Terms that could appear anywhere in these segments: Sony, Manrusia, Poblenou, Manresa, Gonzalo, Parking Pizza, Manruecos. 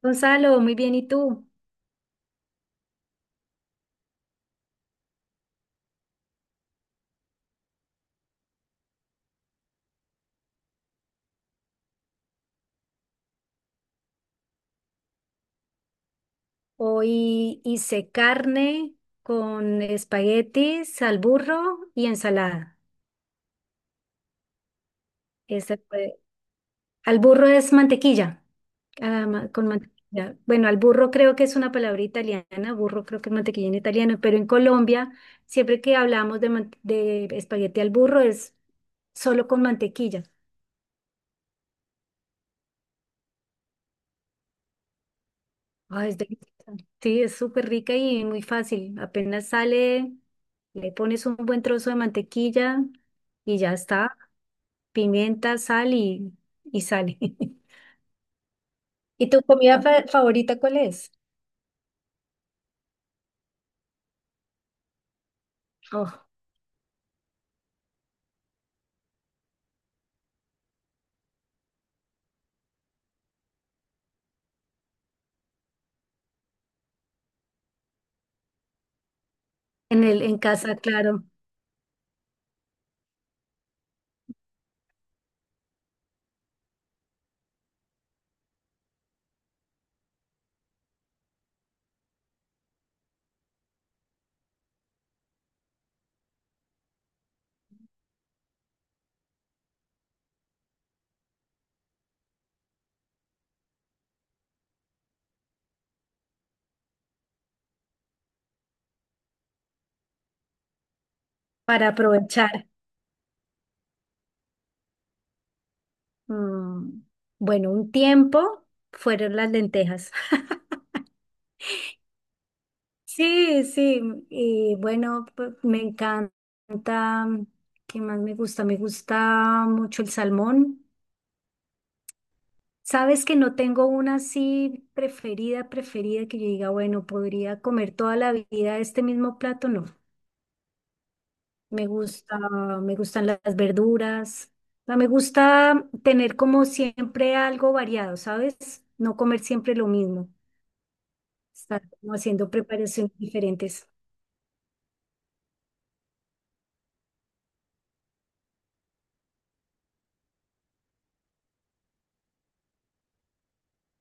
Gonzalo, muy bien, ¿y tú? Hoy hice carne con espaguetis al burro y ensalada. Ese fue- Al burro es mantequilla, con mantequilla. Bueno, al burro creo que es una palabra italiana, burro creo que es mantequilla en italiano, pero en Colombia siempre que hablamos de espagueti al burro es solo con mantequilla. Ay, es deliciosa. Sí, es súper rica y muy fácil. Apenas sale, le pones un buen trozo de mantequilla y ya está. Pimienta, sal y sale. ¿Y tu comida favorita cuál es? Oh, en en casa, claro, para aprovechar. Mm, bueno, un tiempo fueron las lentejas. Sí, sí, y bueno, pues, me encanta, ¿qué más me gusta? Me gusta mucho el salmón. Sabes que no tengo una así preferida, preferida que yo diga, bueno, podría comer toda la vida este mismo plato, no. Me gusta, me gustan las verduras. O sea, me gusta tener como siempre algo variado, ¿sabes? No comer siempre lo mismo. Estar como haciendo preparaciones diferentes.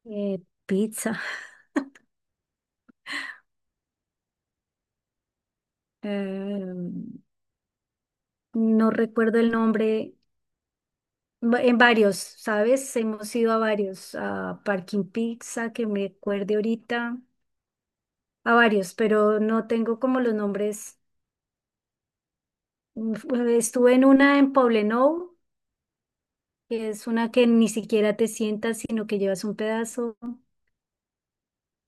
Eh, pizza. Eh, no recuerdo el nombre. En varios, ¿sabes? Hemos ido a varios. A Parking Pizza, que me acuerde ahorita. A varios, pero no tengo como los nombres. Mm, Estuve en una en Poblenou, que es una que ni siquiera te sientas, sino que llevas un pedazo,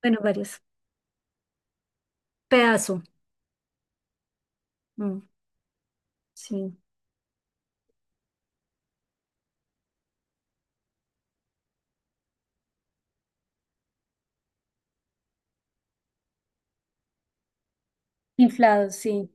bueno, varios, pedazo, mm, sí. Inflados, sí.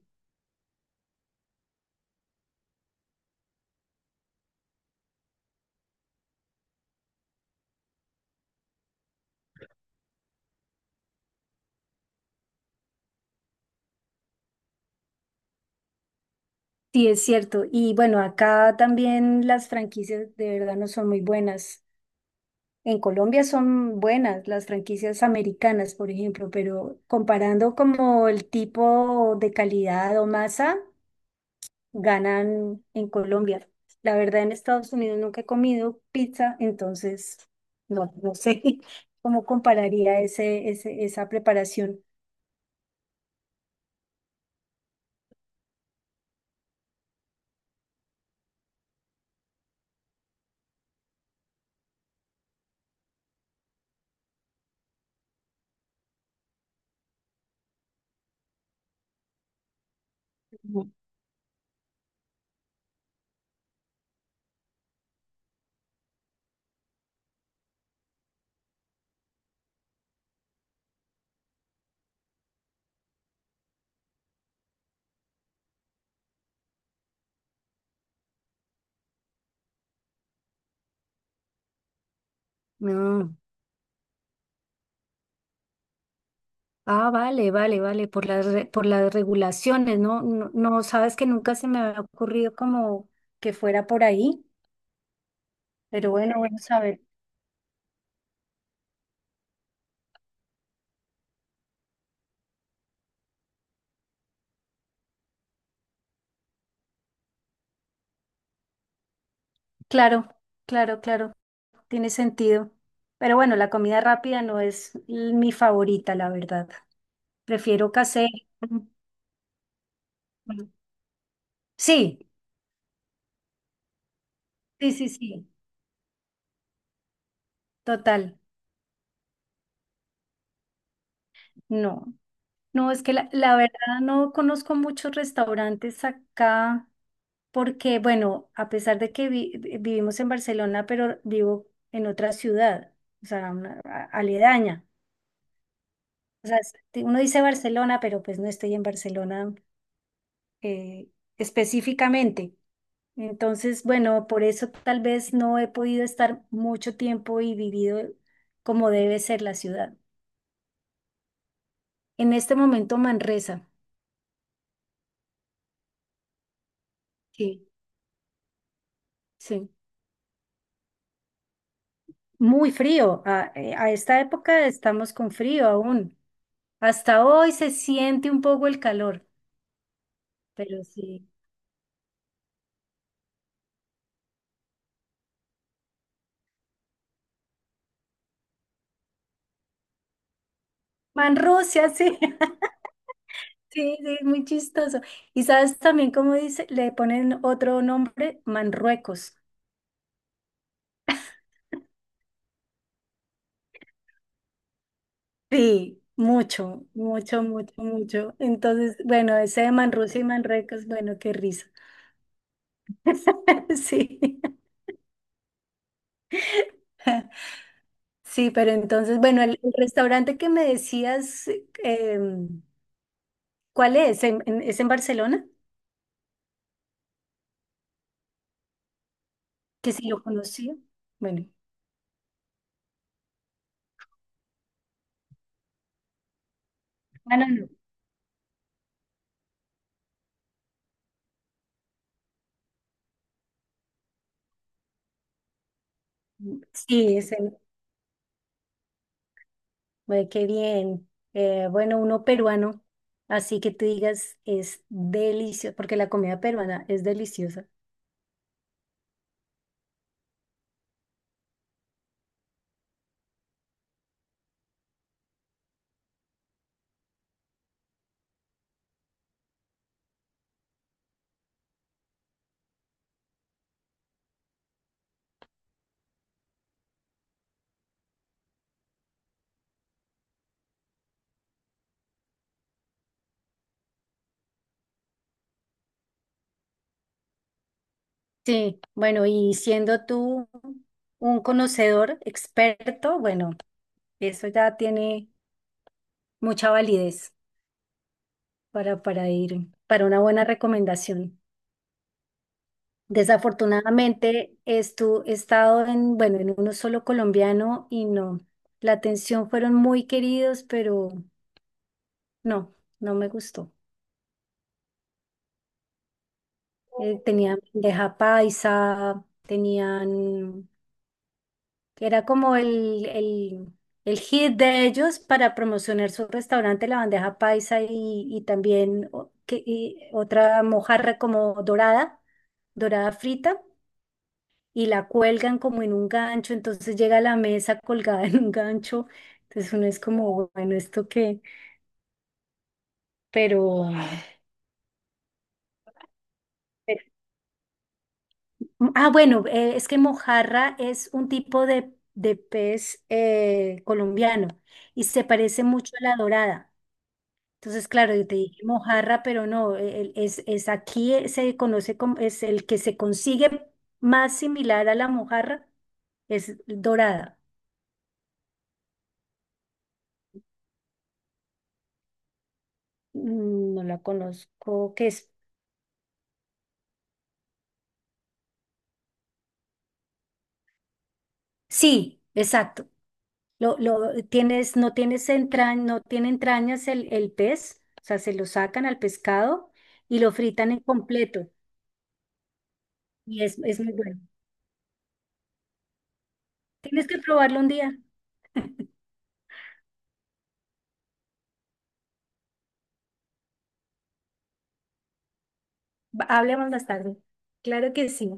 Sí, es cierto. Y bueno, acá también las franquicias de verdad no son muy buenas. En Colombia son buenas las franquicias americanas, por ejemplo, pero comparando como el tipo de calidad o masa, ganan en Colombia. La verdad, en Estados Unidos nunca he comido pizza, entonces no, no sé cómo compararía esa preparación. Ujú. No. Ah, vale, vale, vale, por por las regulaciones, ¿no? No, no, sabes que nunca se me había ocurrido como que fuera por ahí, pero bueno, bueno, saber. Claro, claro, claro, tiene sentido. Pero bueno, la comida rápida no es mi favorita, la verdad. Prefiero casera. Sí, sí, sí, sí, total. No, no, es que la verdad no conozco muchos restaurantes acá porque, bueno, a pesar de que vivimos en Barcelona, pero vivo en otra ciudad, o sea, aledaña. O sea, es- Uno dice Barcelona, pero pues no estoy en Barcelona eh, específicamente. Entonces, bueno, por eso tal vez no he podido estar mucho tiempo y vivido como debe ser la ciudad. En este momento, Manresa. Sí, sí. Muy frío. A esta época estamos con frío aún. Hasta hoy se siente un poco el calor, pero sí. Man, Rusia, sí. Sí, sí, es muy chistoso. Y sabes también cómo dice, le ponen otro nombre, Manruecos. Sí, mucho, mucho, mucho, mucho. Entonces, bueno, ese de Manrusia y Manruecos, bueno, qué risa. Sí, sí, pero entonces, bueno, el restaurante que me decías, em, ¿cuál es? ¿Es en Barcelona? Que si lo conocía. Bueno, ah, no, no. Sí, es en... Ay, qué bien. Bueno, uno peruano, así que tú digas, es delicioso, porque la comida peruana es deliciosa. Sí, bueno, y siendo tú un conocedor experto, bueno, eso ya tiene mucha validez para ir, para una buena recomendación. Desafortunadamente, he estado en, bueno, en uno solo colombiano y no. La atención fueron muy queridos, pero no, no me gustó. Tenían bandeja paisa, tenían, era como el hit de ellos para promocionar su restaurante, la bandeja paisa y también y otra mojarra como dorada, dorada frita. Y la cuelgan como en un gancho, entonces llega a la mesa colgada en un gancho, entonces uno es como, bueno, ¿esto qué? Pero, pero- ah, bueno, es que mojarra es un tipo de pez colombiano y se parece mucho a la dorada. Entonces, claro, yo te dije mojarra, pero no, es aquí se conoce como, es el que se consigue más similar a la mojarra, es dorada. Mm, no la conozco, que es Sí, exacto. Lo tienes, no tienes no tiene entrañas el pez, o sea, se lo sacan al pescado y lo fritan en completo. Y es muy bueno. Tienes que probarlo un día. Hablemos más tarde. Claro que sí.